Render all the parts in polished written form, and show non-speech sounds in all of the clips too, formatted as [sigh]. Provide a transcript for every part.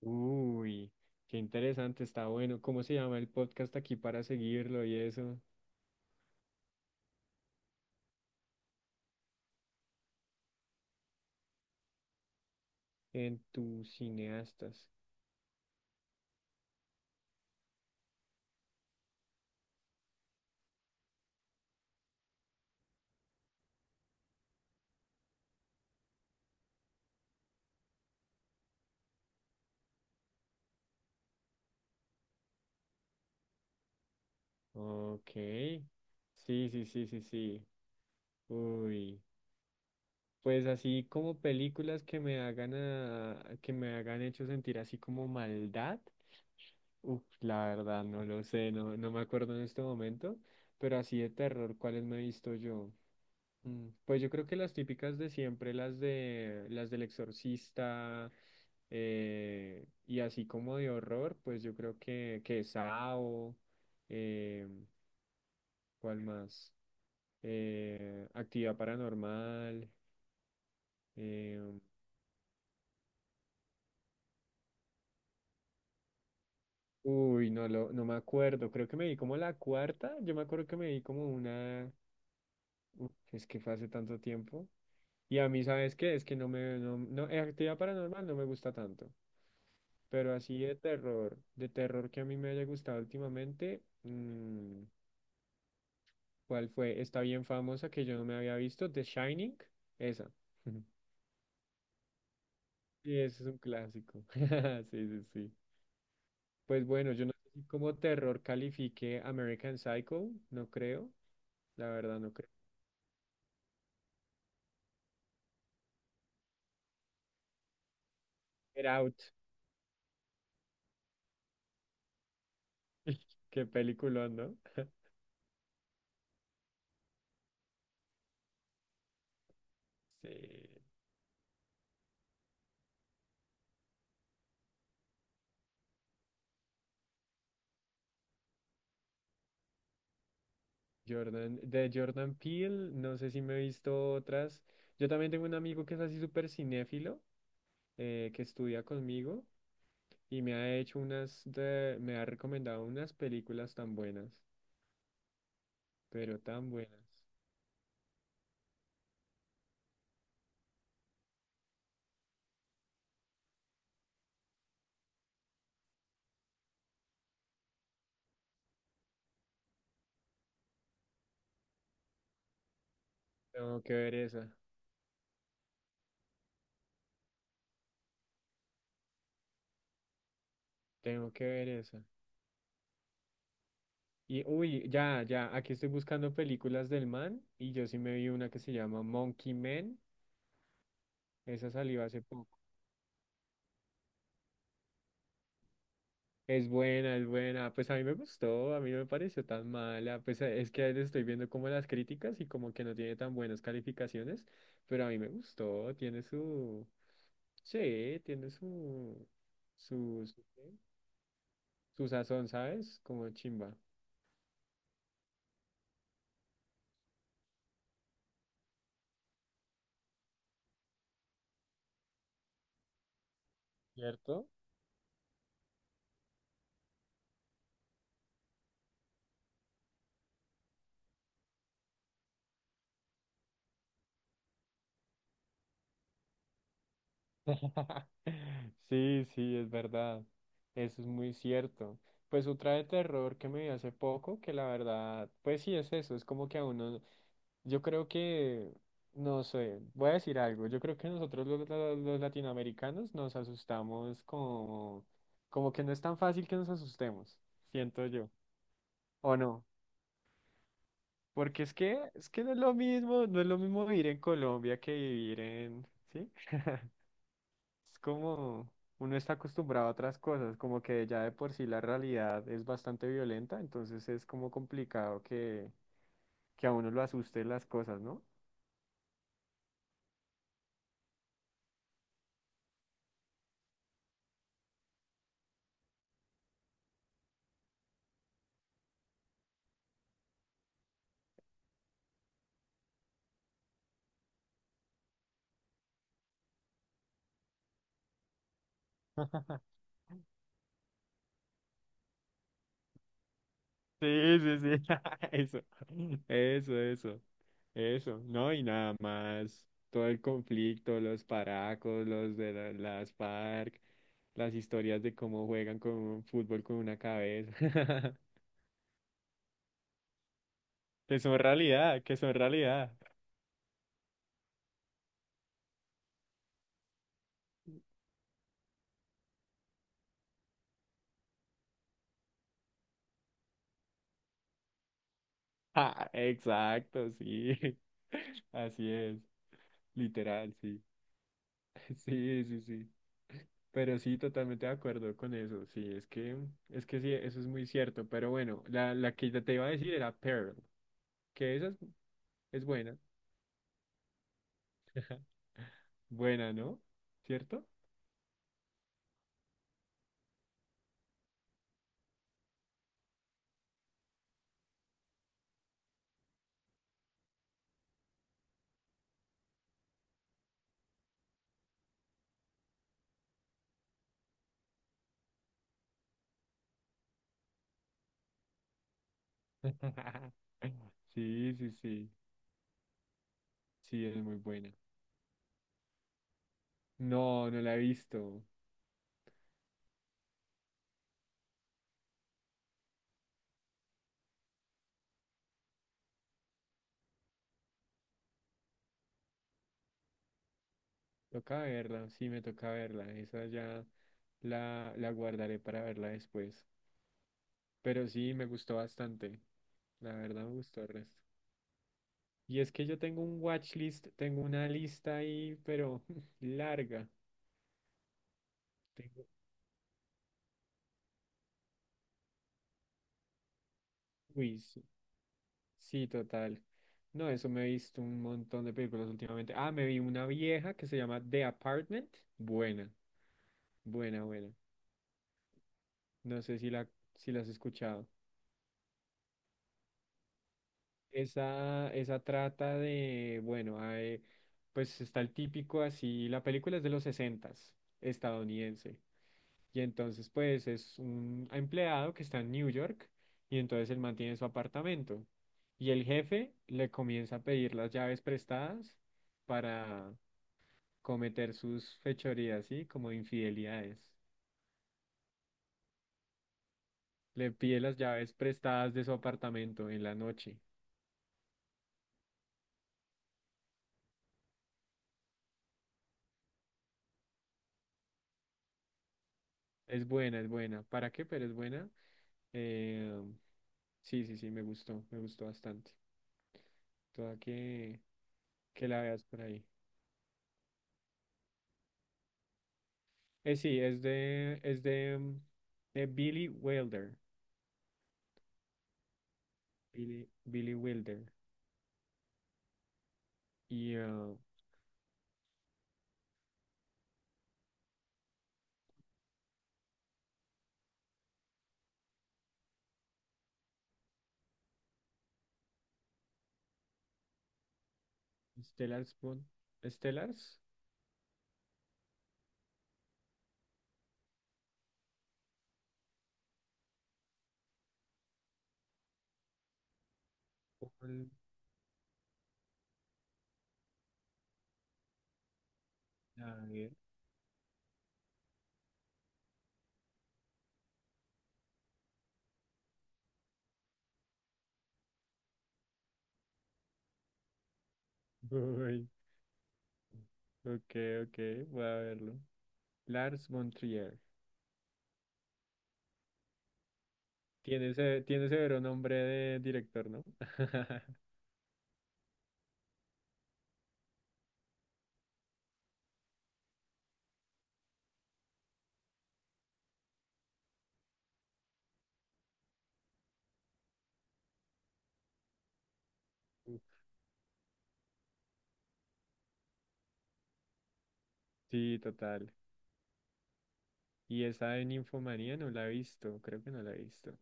Uy, qué interesante, está bueno. ¿Cómo se llama el podcast aquí para seguirlo y eso? En tus cineastas. Ok. Sí, sí, sí, sí, sí. Uy. Pues así como películas que que me hagan hecho sentir así como maldad. Uf, la verdad, no lo sé, no, no me acuerdo en este momento. Pero así de terror, ¿cuáles me he visto yo? Pues yo creo que las típicas de siempre, las de las del exorcista y así como de horror, pues yo creo que Sao, eh, ¿cuál más? Actividad Paranormal. eh, uy, no, no me acuerdo, creo que me vi como la cuarta, yo me acuerdo que me vi como una, uf, es que fue hace tanto tiempo. Y a mí, ¿sabes qué? Es que no, no, Actividad Paranormal no me gusta tanto. Pero así de terror que a mí me haya gustado últimamente, ¿cuál fue? Está bien famosa que yo no me había visto, The Shining, esa. [laughs] Sí, ese es un clásico. [laughs] Sí, sí, sí. Pues bueno, yo no sé si como terror califique American Psycho, no creo, la verdad no creo. Get Out, qué película, ¿no? Sí. Jordan, de Jordan Peele, no sé si me he visto otras. Yo también tengo un amigo que es así súper cinéfilo, que estudia conmigo. Y me ha recomendado unas películas tan buenas, pero tan buenas. Tengo que ver esa, tengo que ver esa. Y uy, aquí estoy buscando películas del man y yo sí me vi una que se llama Monkey Man. Esa salió hace poco. Es buena, es buena. Pues a mí me gustó, a mí no me pareció tan mala. Pues es que ahí estoy viendo como las críticas y como que no tiene tan buenas calificaciones, pero a mí me gustó, tiene su, sí, tiene su, ¿qué? Su sazón, ¿sabes? Como chimba. ¿Cierto? [laughs] Sí, sí, es verdad. Eso es muy cierto. Pues otra de terror que me vi hace poco, que la verdad, pues sí es eso, es como que a uno, yo creo que, no sé, voy a decir algo, yo creo que nosotros los latinoamericanos nos asustamos como, como que no es tan fácil que nos asustemos, siento yo, ¿o no? Porque es que no es lo mismo, no es lo mismo vivir en Colombia que vivir en, ¿sí? Es como uno está acostumbrado a otras cosas, como que ya de por sí la realidad es bastante violenta, entonces es como complicado que a uno lo asuste las cosas, ¿no? [laughs] Sí, sí, sí, [laughs] eso, eso, eso, eso, no, y nada más, todo el conflicto, los paracos, las FARC, las historias de cómo juegan con un fútbol con una cabeza, [laughs] que son realidad, que son realidad. Ah, exacto, sí. [laughs] Así es, literal, sí. [laughs] Sí, sí, sí. Pero sí, totalmente de acuerdo con eso. Sí, es que sí, eso es muy cierto. Pero bueno, la que te iba a decir era Pearl, que esa es, es buena. Buena, ¿no? ¿Cierto? [laughs] Sí, sí, sí. Sí, es muy buena. No, no la he visto. Toca verla, sí, me toca verla. Esa ya la guardaré para verla después. Pero sí, me gustó bastante. La verdad me gustó el resto. Y es que yo tengo un watchlist, tengo una lista ahí, pero [laughs] larga. Tengo, uy, sí, sí, total. No, eso me he visto un montón de películas últimamente. Ah, me vi una vieja que se llama The Apartment. Buena, buena, buena. No sé si si la has escuchado. Esa trata de, bueno, pues está el típico así, la película es de los sesentas estadounidense. Y entonces, pues, es un empleado que está en New York y entonces él mantiene su apartamento. Y el jefe le comienza a pedir las llaves prestadas para cometer sus fechorías, ¿sí? Como infidelidades. Le pide las llaves prestadas de su apartamento en la noche. Es buena, es buena. ¿Para qué? Pero es buena. Eh, sí, sí, sí, me gustó bastante. Toda que la veas por ahí. Sí, es de, de Billy Wilder. Billy Wilder y Stellar Spoon. ¿Stellars? Paul Lager. Uy, ok, ok, voy a verlo. Lars von Trier. Tiene, tiene severo nombre de director, ¿no? [laughs] Uf, sí, total. Y esa de Ninfomanía no la he visto, creo que no la he visto.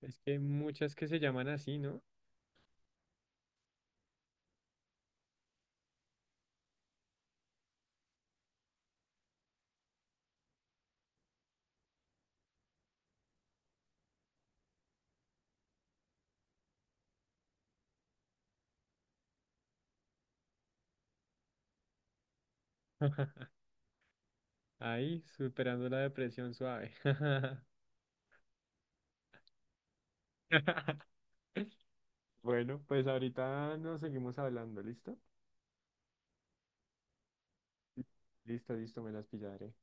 Es que hay muchas que se llaman así, ¿no? [laughs] Ahí, superando la depresión suave. [laughs] Bueno, pues ahorita nos seguimos hablando, ¿listo? Listo, listo, me las pillaré.